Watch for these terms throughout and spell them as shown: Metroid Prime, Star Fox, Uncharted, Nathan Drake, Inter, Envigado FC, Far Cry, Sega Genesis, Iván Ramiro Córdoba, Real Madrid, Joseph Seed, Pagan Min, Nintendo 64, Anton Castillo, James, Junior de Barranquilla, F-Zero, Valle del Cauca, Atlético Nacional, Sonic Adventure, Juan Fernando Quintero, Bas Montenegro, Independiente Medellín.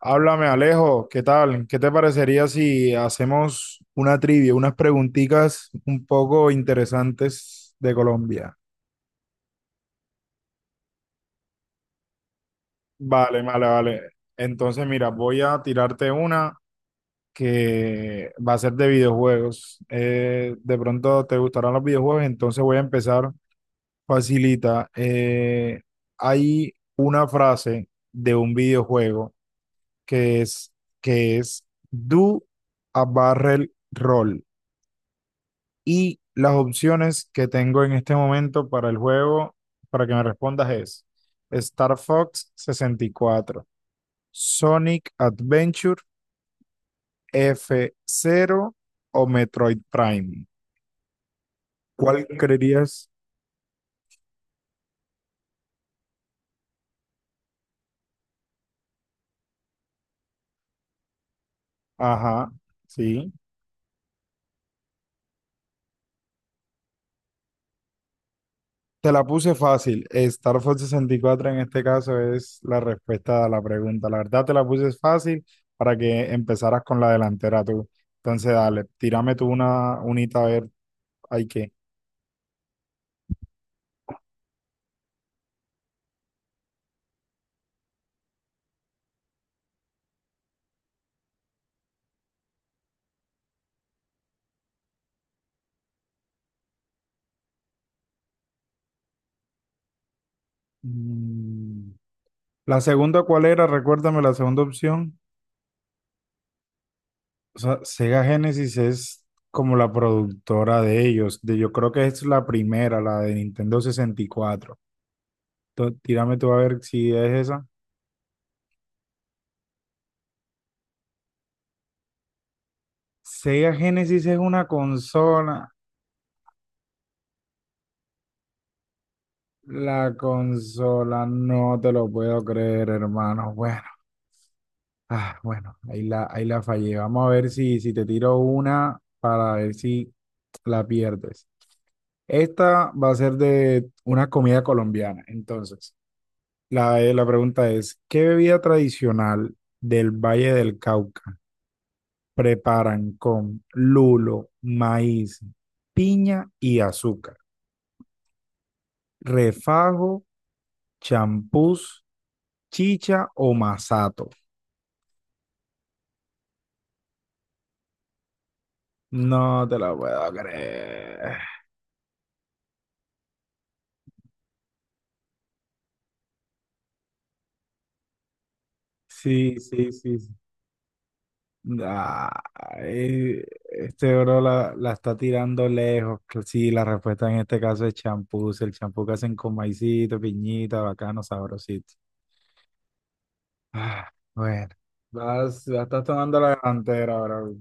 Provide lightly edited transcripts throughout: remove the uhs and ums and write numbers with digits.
Háblame, Alejo, ¿qué tal? ¿Qué te parecería si hacemos una trivia, unas preguntitas un poco interesantes de Colombia? Vale, vale, vale. Entonces, mira, voy a tirarte una que va a ser de videojuegos. De pronto te gustarán los videojuegos, entonces voy a empezar facilita. Hay una frase de un videojuego que es, que es Do a Barrel Roll. Y las opciones que tengo en este momento para el juego, para que me respondas es Star Fox 64, Sonic Adventure, F-Zero o Metroid Prime. ¿Cuál creerías? Ajá, sí. Te la puse fácil. Star Fox 64 en este caso es la respuesta a la pregunta. La verdad te la puse fácil para que empezaras con la delantera tú. Entonces, dale, tírame tú una unita a ver, hay que Mm, la segunda, ¿cuál era? Recuérdame la segunda opción. O sea, Sega Genesis es como la productora de ellos. Yo creo que es la primera, la de Nintendo 64. Tírame tú a ver si es esa. Sega Genesis es una consola. La consola, no te lo puedo creer, hermano. Bueno, bueno, ahí la fallé. Vamos a ver si, te tiro una para ver si la pierdes. Esta va a ser de una comida colombiana. Entonces, la pregunta es, ¿qué bebida tradicional del Valle del Cauca preparan con lulo, maíz, piña y azúcar? ¿Refajo, champús, chicha o masato? No te la puedo creer. Sí, sí, sí, sí. Ah, este bro la está tirando lejos. Sí, la respuesta en este caso es champús, el champú que hacen con maicito, piñita, bacano, sabrosito. Bueno, vas, ya estás tomando la delantera, bro.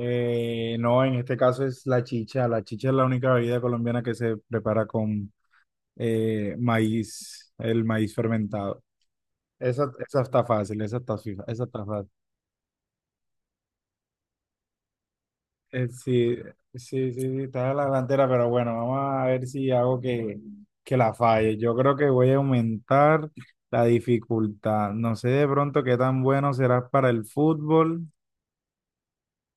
No, en este caso es la chicha. La chicha es la única bebida colombiana que se prepara con maíz, el maíz fermentado. Esa está fácil, esa está fácil. Sí, sí, sí, sí, está en la delantera, pero bueno, vamos a ver si hago que la falle. Yo creo que voy a aumentar la dificultad. No sé de pronto qué tan bueno serás para el fútbol,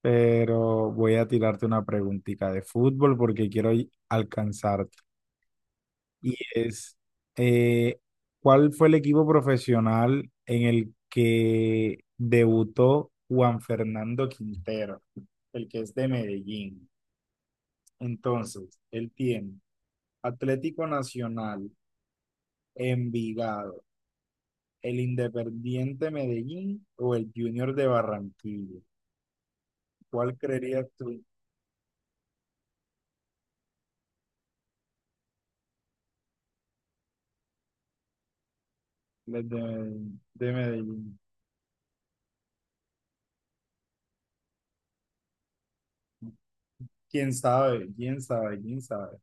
pero voy a tirarte una preguntita de fútbol porque quiero alcanzarte. Y es, eh, ¿Cuál fue el equipo profesional en el que debutó Juan Fernando Quintero, el que es de Medellín? Entonces, él tiene Atlético Nacional, Envigado, el Independiente Medellín o el Junior de Barranquilla. ¿Cuál creerías tú, los de Medellín? ¿Quién sabe? ¿Quién sabe? ¿Quién sabe?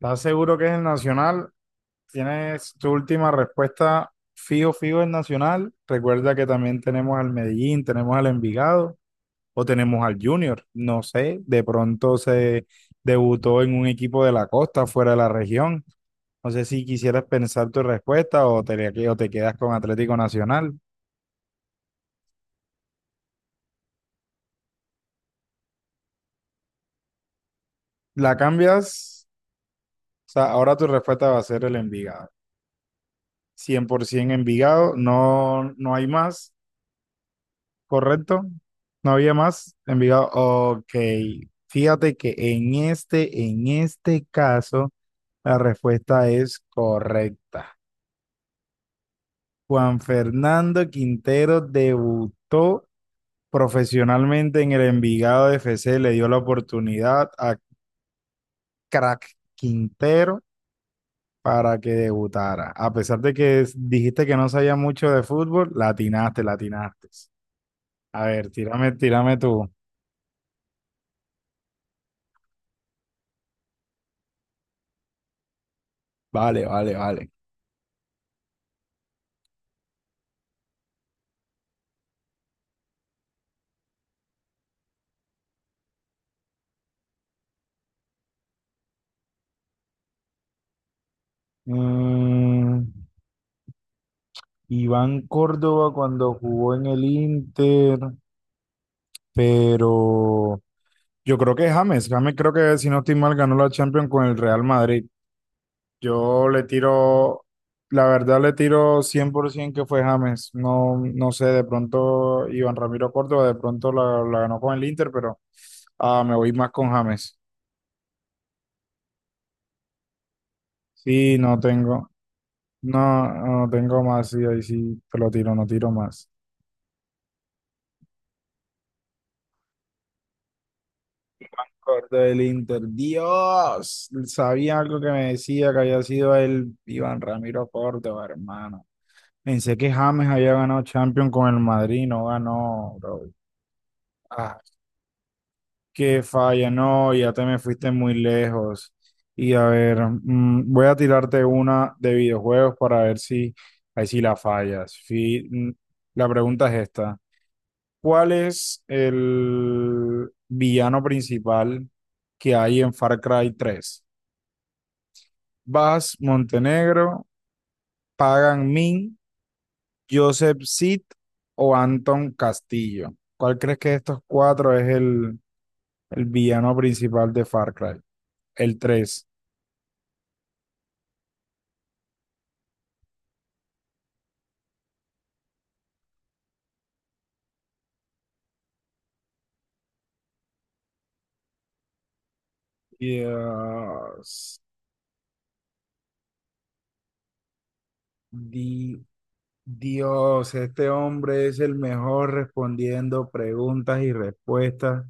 ¿Estás seguro que es el Nacional? ¿Tienes tu última respuesta fijo, fijo el Nacional? Recuerda que también tenemos al Medellín, tenemos al Envigado o tenemos al Junior, no sé, de pronto se debutó en un equipo de la costa, fuera de la región. No sé si quisieras pensar tu respuesta o te, quedas con Atlético Nacional. La cambias, o sea, ahora tu respuesta va a ser el Envigado. 100% Envigado, no, no hay más, ¿correcto? No había más, Envigado. Ok, fíjate que en este caso, la respuesta es correcta. Juan Fernando Quintero debutó profesionalmente en el Envigado FC, le dio la oportunidad a Crack Quintero para que debutara. A pesar de que dijiste que no sabía mucho de fútbol, latinaste, latinaste. A ver, tírame, tírame tú. Vale, vale, vale. Mm, Iván Córdoba cuando jugó en el Inter, pero yo creo que James creo que si no estoy mal ganó la Champions con el Real Madrid. Yo le tiro, la verdad le tiro 100% que fue James. No, no sé, de pronto Iván Ramiro Córdoba, de pronto la ganó con el Inter, pero me voy más con James. Sí, no tengo más, sí, ahí sí te lo tiro, no tiro más. Córdoba del Inter, Dios, sabía algo que me decía que había sido el Iván Ramiro Córdoba, hermano. Pensé que James había ganado Champions con el Madrid, no ganó, bro. Que falla, no, ya te me fuiste muy lejos. Y a ver, voy a tirarte una de videojuegos para ver si ahí sí la fallas. La pregunta es esta. ¿Cuál es el villano principal que hay en Far Cry 3? Vas Montenegro, Pagan Min, Joseph Seed o Anton Castillo. ¿Cuál crees que de estos cuatro es el villano principal de Far Cry? El tres. Dios, di- Dios, este hombre es el mejor respondiendo preguntas y respuestas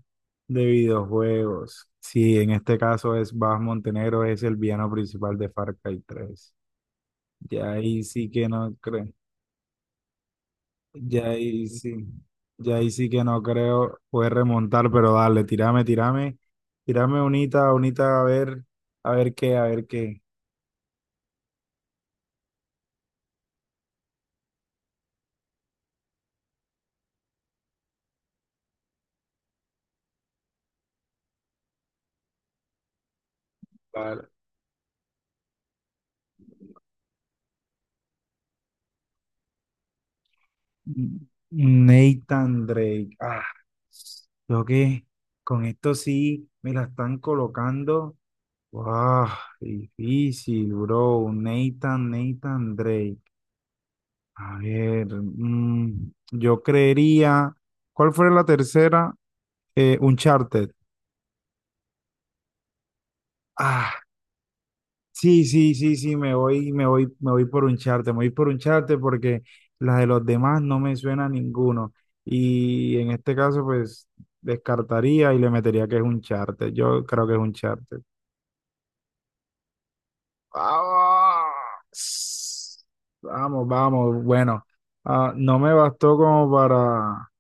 de videojuegos. Sí, en este caso es Bas Montenegro, es el villano principal de Far Cry 3. Ya ahí sí que no creo, ya ahí sí, ya ahí sí que no creo, puede remontar, pero dale, tírame, tírame, tírame unita, unita, a ver qué, a ver qué. Dale. Nathan Drake. Ah, creo que con esto sí me la están colocando. Wow, difícil, bro. Nathan Drake. A ver, yo creería. ¿Cuál fue la tercera? Uncharted. Ah, sí, sí, sí, sí, me voy, me voy, me voy por un charte, me voy por un charte porque las de los demás no me suena a ninguno. Y en este caso, pues, descartaría y le metería que es un charte. Yo creo que es un charte. Vamos, vamos, vamos. Bueno, no me bastó como para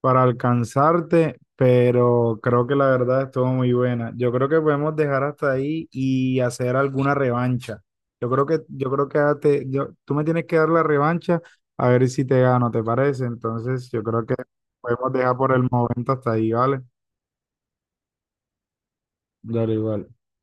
alcanzarte, pero creo que la verdad estuvo muy buena. Yo creo que podemos dejar hasta ahí y hacer alguna revancha. Yo creo que tú me tienes que dar la revancha a ver si te gano, ¿te parece? Entonces, yo creo que podemos dejar por el momento hasta ahí, ¿vale? Dale, igual.